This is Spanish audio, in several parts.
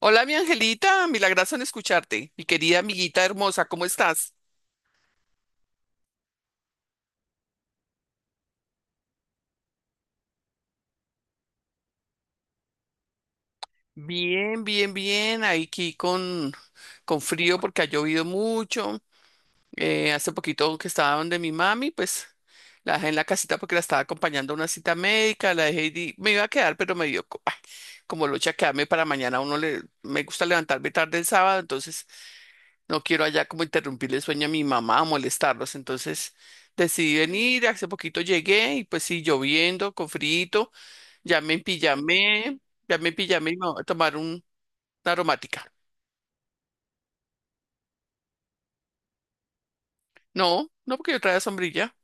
Hola, mi angelita, milagroso en escucharte. Mi querida amiguita hermosa, ¿cómo estás? Bien, bien, bien. Aquí con frío porque ha llovido mucho. Hace poquito que estaba donde mi mami, pues la dejé en la casita porque la estaba acompañando a una cita médica. La dejé y me iba a quedar, pero me dio como locha quedarme para mañana. Me gusta levantarme tarde el sábado, entonces no quiero allá como interrumpirle el sueño a mi mamá, molestarlos. Entonces decidí venir, hace poquito llegué y pues sí, lloviendo, con frío, ya me empillamé, ya me empillamé y me voy a tomar una aromática. No, no porque yo traía sombrilla.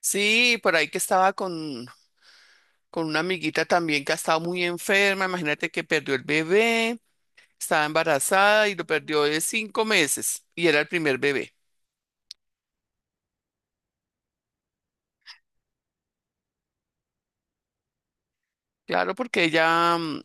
Sí, por ahí que estaba con una amiguita también que ha estado muy enferma, imagínate que perdió el bebé, estaba embarazada y lo perdió de 5 meses y era el primer bebé. Claro, porque ella, mm,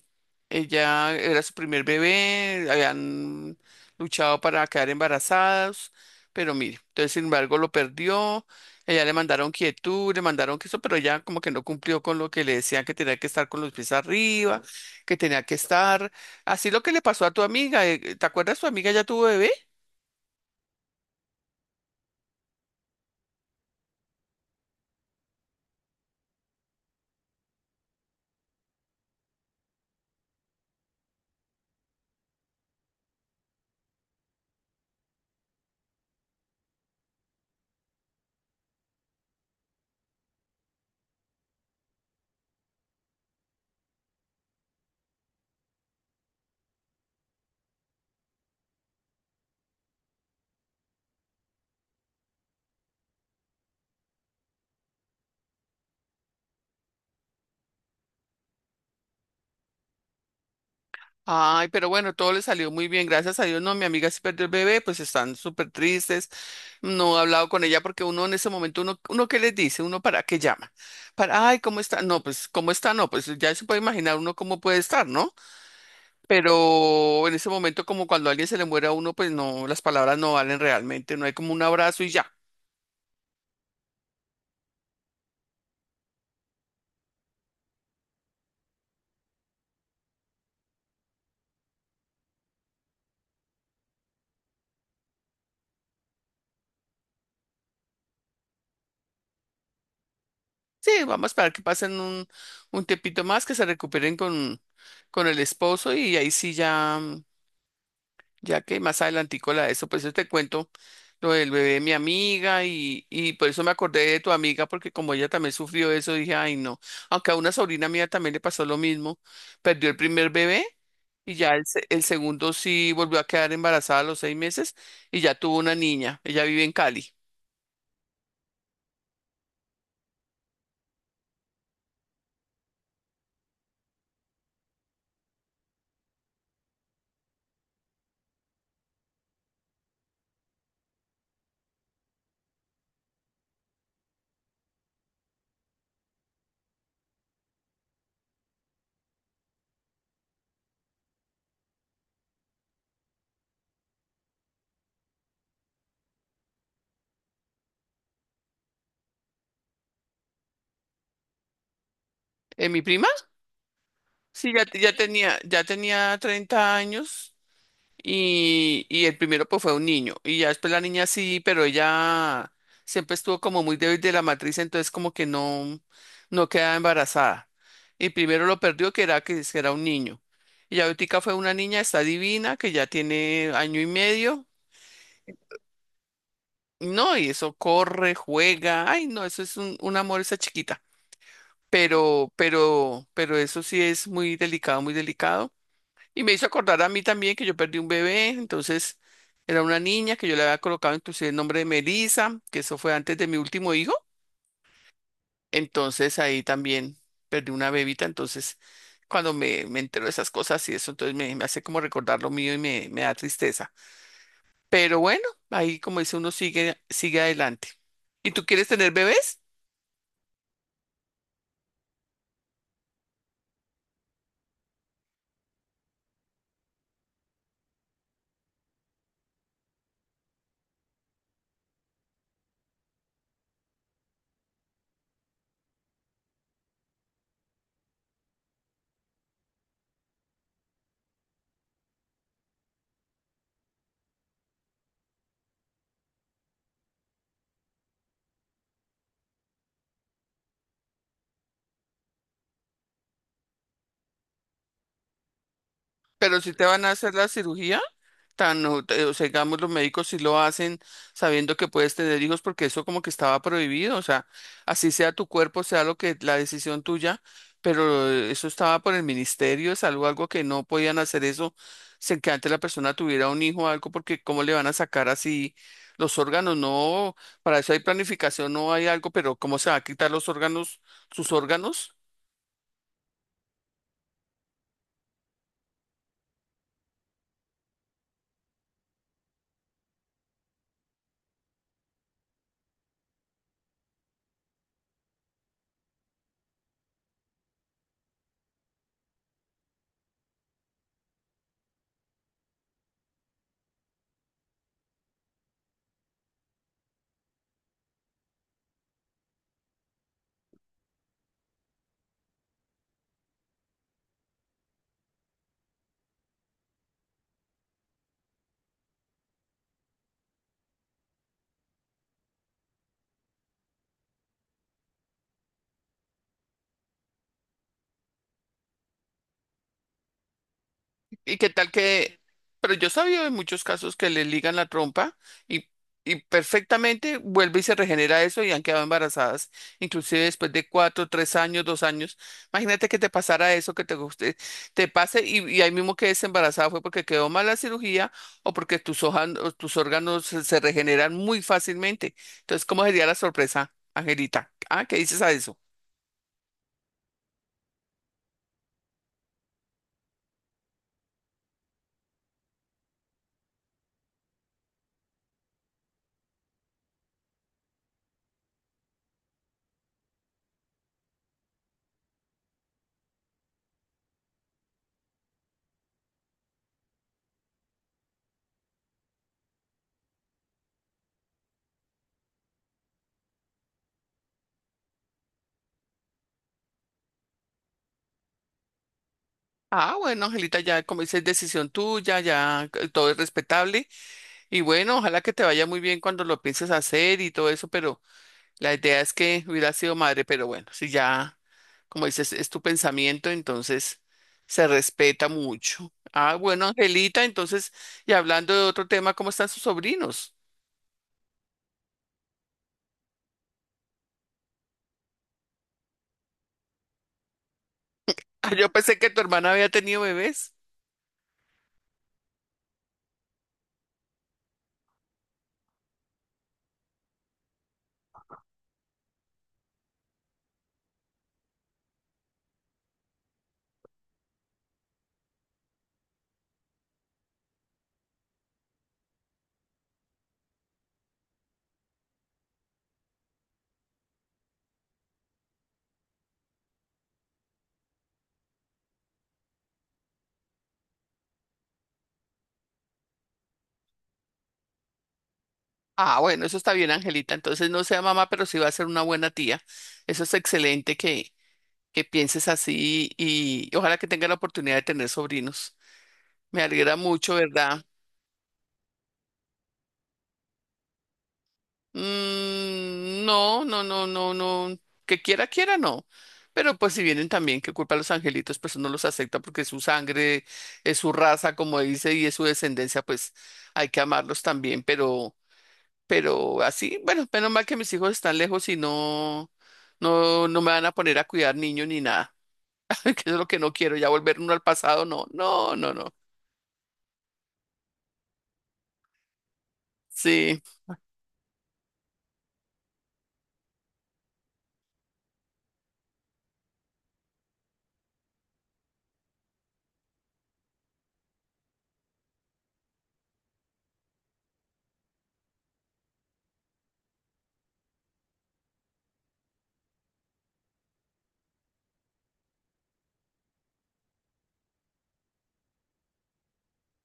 Ella era su primer bebé, habían luchado para quedar embarazadas, pero mire, entonces sin embargo lo perdió, ella le mandaron quietud, le mandaron que eso, pero ella como que no cumplió con lo que le decían que tenía que estar con los pies arriba, que tenía que estar, así lo que le pasó a tu amiga, ¿te acuerdas tu amiga ya tuvo bebé? Ay, pero bueno, todo le salió muy bien, gracias a Dios. No, mi amiga se perdió el bebé, pues están súper tristes. No he hablado con ella porque uno en ese momento, uno qué les dice, uno para qué llama. Para, ay, ¿cómo está? No, pues, ¿cómo está? No, pues ya se puede imaginar uno cómo puede estar, ¿no? Pero en ese momento, como cuando a alguien se le muere a uno, pues no, las palabras no valen realmente, no hay como un abrazo y ya. Sí, vamos a esperar que pasen un tiempito más, que se recuperen con el esposo y ahí sí ya, ya que más adelantico la de eso, pues yo te cuento lo del bebé de mi amiga y por eso me acordé de tu amiga, porque como ella también sufrió eso, dije, ay no, aunque a una sobrina mía también le pasó lo mismo, perdió el primer bebé y ya el segundo sí volvió a quedar embarazada a los 6 meses y ya tuvo una niña, ella vive en Cali. ¿Eh, mi prima? Sí, ya, ya tenía 30 años. Y el primero pues fue un niño. Y ya después la niña sí, pero ella siempre estuvo como muy débil de la matriz, entonces como que no, no quedaba embarazada. Y primero lo perdió que era que es que era un niño. Y ya ahorita fue una niña, está divina, que ya tiene año y medio. No, y eso corre, juega. Ay, no, eso es un amor esa chiquita. Pero eso sí es muy delicado, muy delicado. Y me hizo acordar a mí también que yo perdí un bebé, entonces era una niña que yo le había colocado inclusive el nombre de Melissa, que eso fue antes de mi último hijo. Entonces ahí también perdí una bebita, entonces cuando me entero de esas cosas y eso, entonces me hace como recordar lo mío y me da tristeza. Pero bueno, ahí como dice uno sigue, sigue adelante. ¿Y tú quieres tener bebés? Pero si te van a hacer la cirugía tan, o o sea, digamos, los médicos sí lo hacen sabiendo que puedes tener hijos porque eso como que estaba prohibido, o sea, así sea tu cuerpo, sea lo que, la decisión tuya, pero eso estaba por el Ministerio de Salud, algo que no podían hacer eso, sin que antes la persona tuviera un hijo o algo, porque cómo le van a sacar así los órganos, no, para eso hay planificación, no hay algo, pero cómo se va a quitar los órganos, sus órganos. ¿Y qué tal que...? Pero yo sabía sabido de muchos casos que le ligan la trompa y, y perfectamente vuelve y se regenera eso y han quedado embarazadas, inclusive después de cuatro, 3 años, 2 años. Imagínate que te pasara eso, que te guste, te pase y ahí mismo quedes embarazada fue porque quedó mal la cirugía o porque tus hojas, o tus órganos se regeneran muy fácilmente. Entonces, ¿cómo sería la sorpresa, Angelita? Ah, ¿qué dices a eso? Ah, bueno, Angelita, ya como dices, decisión tuya, ya todo es respetable. Y bueno, ojalá que te vaya muy bien cuando lo pienses hacer y todo eso, pero la idea es que hubiera sido madre, pero bueno, si ya, como dices, es tu pensamiento, entonces se respeta mucho. Ah, bueno, Angelita, entonces, y hablando de otro tema, ¿cómo están sus sobrinos? Ah, yo pensé que tu hermana había tenido bebés. Ah, bueno, eso está bien, Angelita. Entonces no sea mamá, pero sí va a ser una buena tía. Eso es excelente que pienses así y ojalá que tenga la oportunidad de tener sobrinos. Me alegra mucho, ¿verdad? Mm, no, no, no, no, no. Que quiera, quiera, no. Pero pues si vienen también, ¿qué culpa a los angelitos, pues uno los acepta porque es su sangre, es su raza, como dice, y es su descendencia, pues hay que amarlos también. Pero así, bueno, menos mal que mis hijos están lejos y no, no, no me van a poner a cuidar niños ni nada. Que eso es lo que no quiero, ya volver uno al pasado, no, no, no, no. Sí.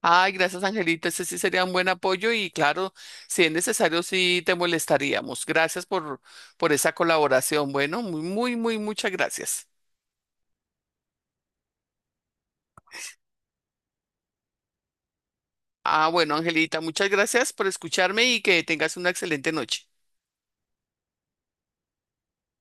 Ay, gracias, Angelito. Ese sí sería un buen apoyo y claro, si es necesario, sí te molestaríamos. Gracias por esa colaboración. Bueno, muy, muy, muy, muchas gracias. Ah, bueno, Angelita, muchas gracias por escucharme y que tengas una excelente noche.